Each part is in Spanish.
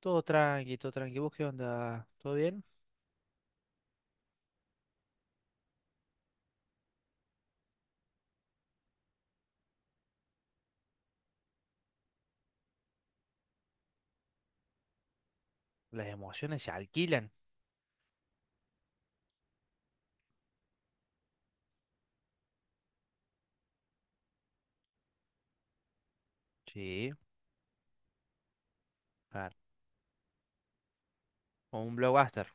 Todo tranqui, todo tranqui. ¿Vos qué onda? ¿Todo bien? Las emociones se alquilan. Sí, claro. O un blockbuster.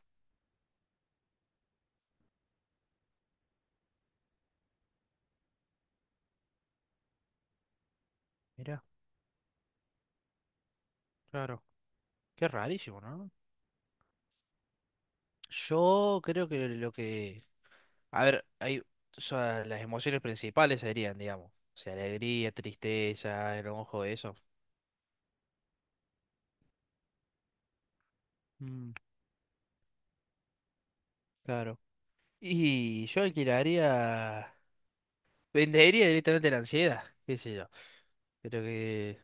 Mira, claro. Qué rarísimo, ¿no? Yo creo que lo que... A ver, o sea, las emociones principales serían, digamos. O sea, alegría, tristeza, enojo, eso. Mm, claro. Y yo alquilaría... Vendería directamente la ansiedad. ¿Qué sé yo? Creo que...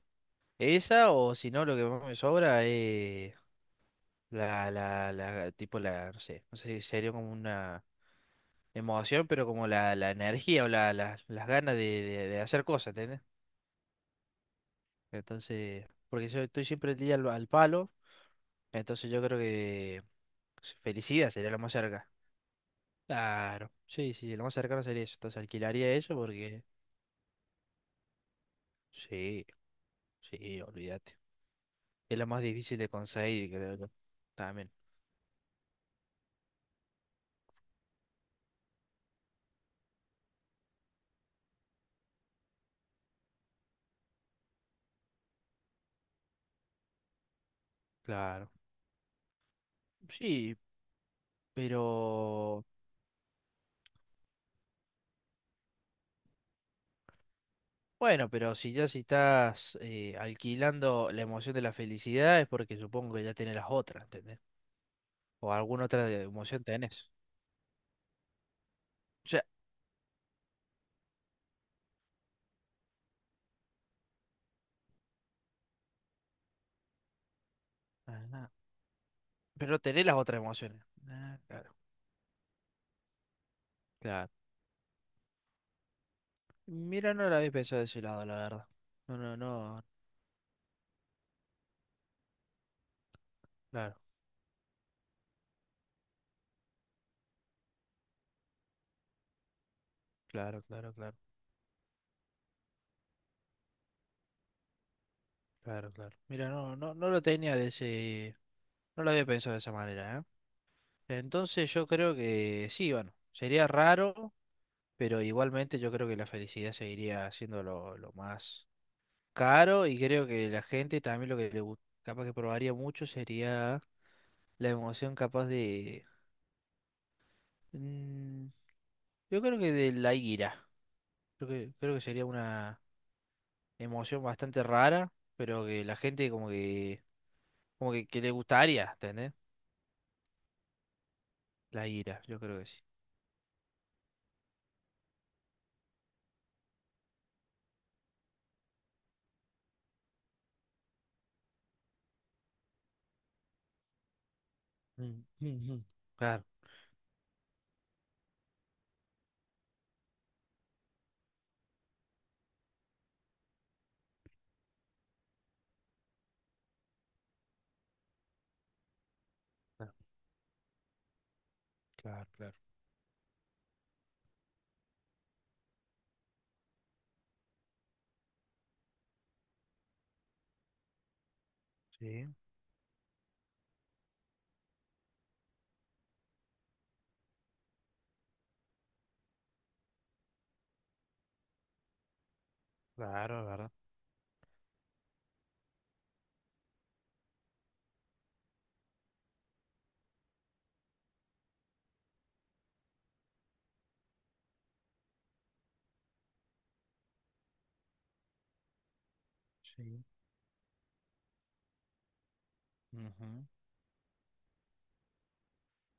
Esa o si no, lo que más me sobra es... no sé si sería como una emoción, pero como la energía o las ganas de hacer cosas, ¿entendés? Entonces, porque yo estoy siempre el día al palo, entonces yo creo que felicidad sería lo más cerca. Claro, sí, sí, sí, lo más cercano sería eso, entonces alquilaría eso porque, sí, sí, olvídate. Es lo más difícil de conseguir, creo yo. También, claro. Sí, pero... Bueno, pero si estás alquilando la emoción de la felicidad es porque supongo que ya tenés las otras, ¿entendés? O alguna otra emoción tenés. O sea, ah, nah, pero tenés las otras emociones. Ah, claro, claro. Mira, no la había pensado de ese lado, la verdad. No, no, no. Claro, claro, claro, claro, claro, claro. Mira, no lo tenía de ese, no lo había pensado de esa manera, ¿eh? Entonces yo creo que sí, bueno, sería raro, pero igualmente yo creo que la felicidad seguiría siendo lo más caro y creo que la gente también lo que le gu- capaz que probaría mucho sería la emoción capaz de mm, yo creo que de la ira. Creo que sería una emoción bastante rara, pero que la gente que le gustaría, ¿entendés? La ira, yo creo que sí. Mm. Mm, mm. Claro, claro, claro, claro. Sí, claro, es verdad. Sí. Ujú.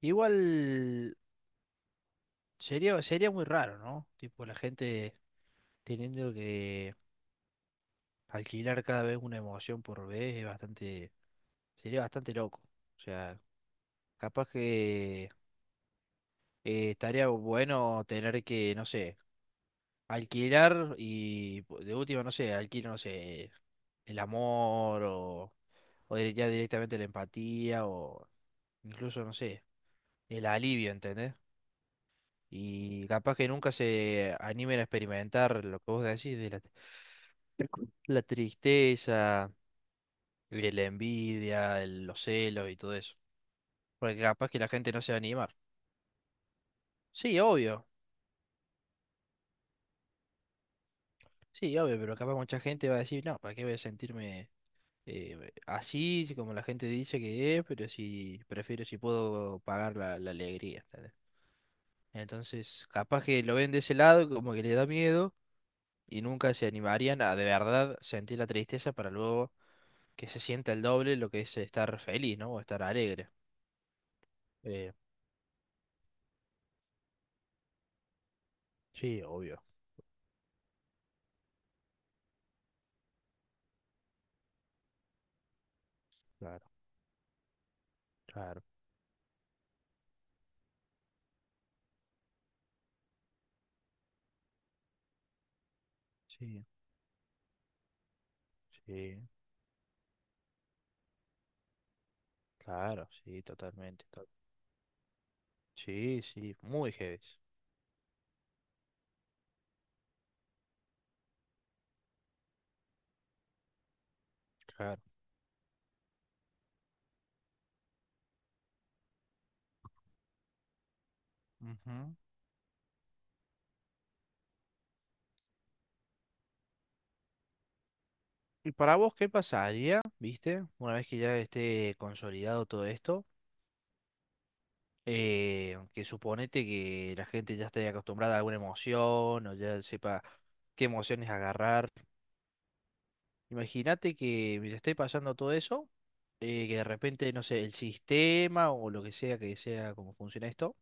Igual sería muy raro, ¿no? Tipo la gente teniendo que alquilar cada vez una emoción por vez es bastante, sería bastante loco. O sea, capaz que estaría bueno tener que, no sé, alquilar y de última, no sé, alquilar, no sé, el amor o, ya directamente la empatía o incluso, no sé, el alivio, ¿entendés? Y capaz que nunca se animen a experimentar lo que vos decís de la tristeza, de la envidia, los celos y todo eso. Porque capaz que la gente no se va a animar. Sí, obvio. Sí, obvio, pero capaz mucha gente va a decir, no, ¿para qué voy a sentirme así, si como la gente dice que es, pero si prefiero si puedo pagar la alegría. ¿Entendés? Entonces, capaz que lo ven de ese lado, como que le da miedo, y nunca se animarían a de verdad sentir la tristeza para luego que se sienta el doble lo que es estar feliz, ¿no? O estar alegre. Eh, sí, obvio. Claro, claro. Sí, sí, claro, sí, totalmente, totalmente. Sí, sí, muy heavy. Claro. Ujú. ¿Y para vos qué pasaría, viste? Una vez que ya esté consolidado todo esto, que suponete que la gente ya esté acostumbrada a alguna emoción o ya sepa qué emociones agarrar. Imagínate que mientras esté pasando todo eso, que de repente, no sé, el sistema o lo que sea como funciona esto,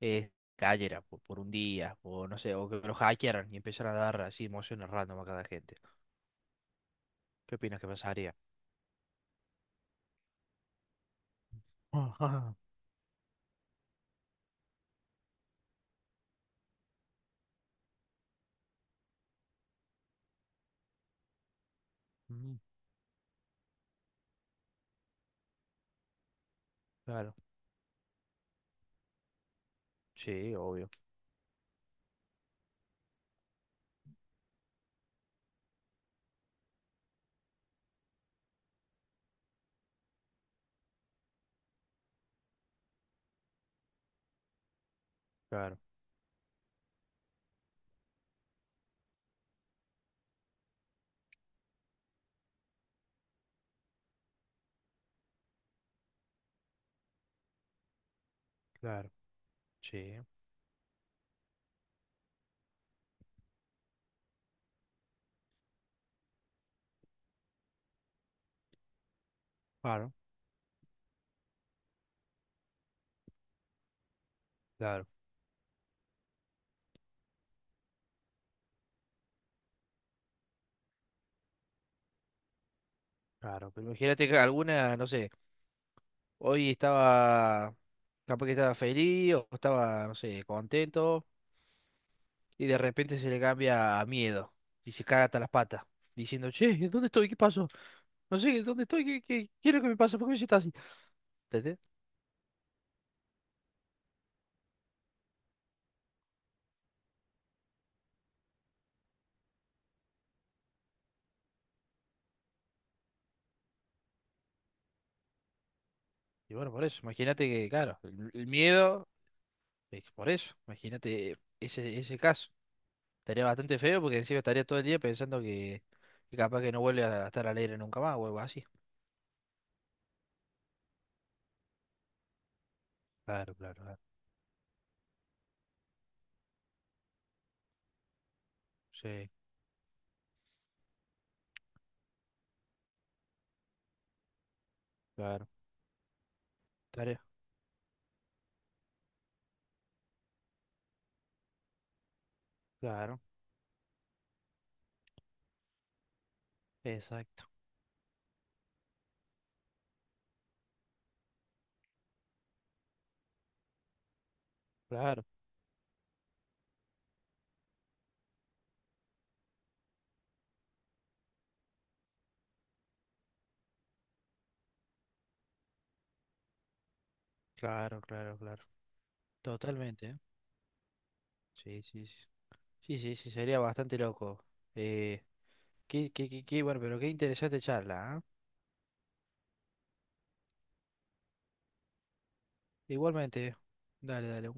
eh, cayera por un día, o no sé, o que lo hackearan y empezaran a dar así emociones random a cada gente. ¿Qué opinas que pasaría? Ajá. Mm. Claro, sí, obvio. Claro, claro, sí, claro, claro, claro. Pero imagínate que alguna, no sé, hoy estaba, capaz que estaba feliz o estaba, no sé, contento y de repente se le cambia a miedo y se caga hasta las patas diciendo, che, ¿dónde estoy? ¿Qué pasó? No sé, ¿dónde estoy? ¿Qué es lo que me pasa? ¿Por qué me siento así? ¿Entendés? Y bueno, por eso, imagínate que, claro, el miedo, es por eso, imagínate ese caso. Estaría bastante feo porque encima estaría todo el día pensando que, capaz que no vuelve a estar alegre nunca más o algo así. Claro, claro, claro. Sí, claro. Tarea, claro. Exacto. Claro, claro, claro, claro. Totalmente, ¿eh? Sí, sí, sí. Sí, sí, sí, sería bastante loco. Eh, bueno, pero qué interesante charla, ¿ah? Igualmente. Dale, dale.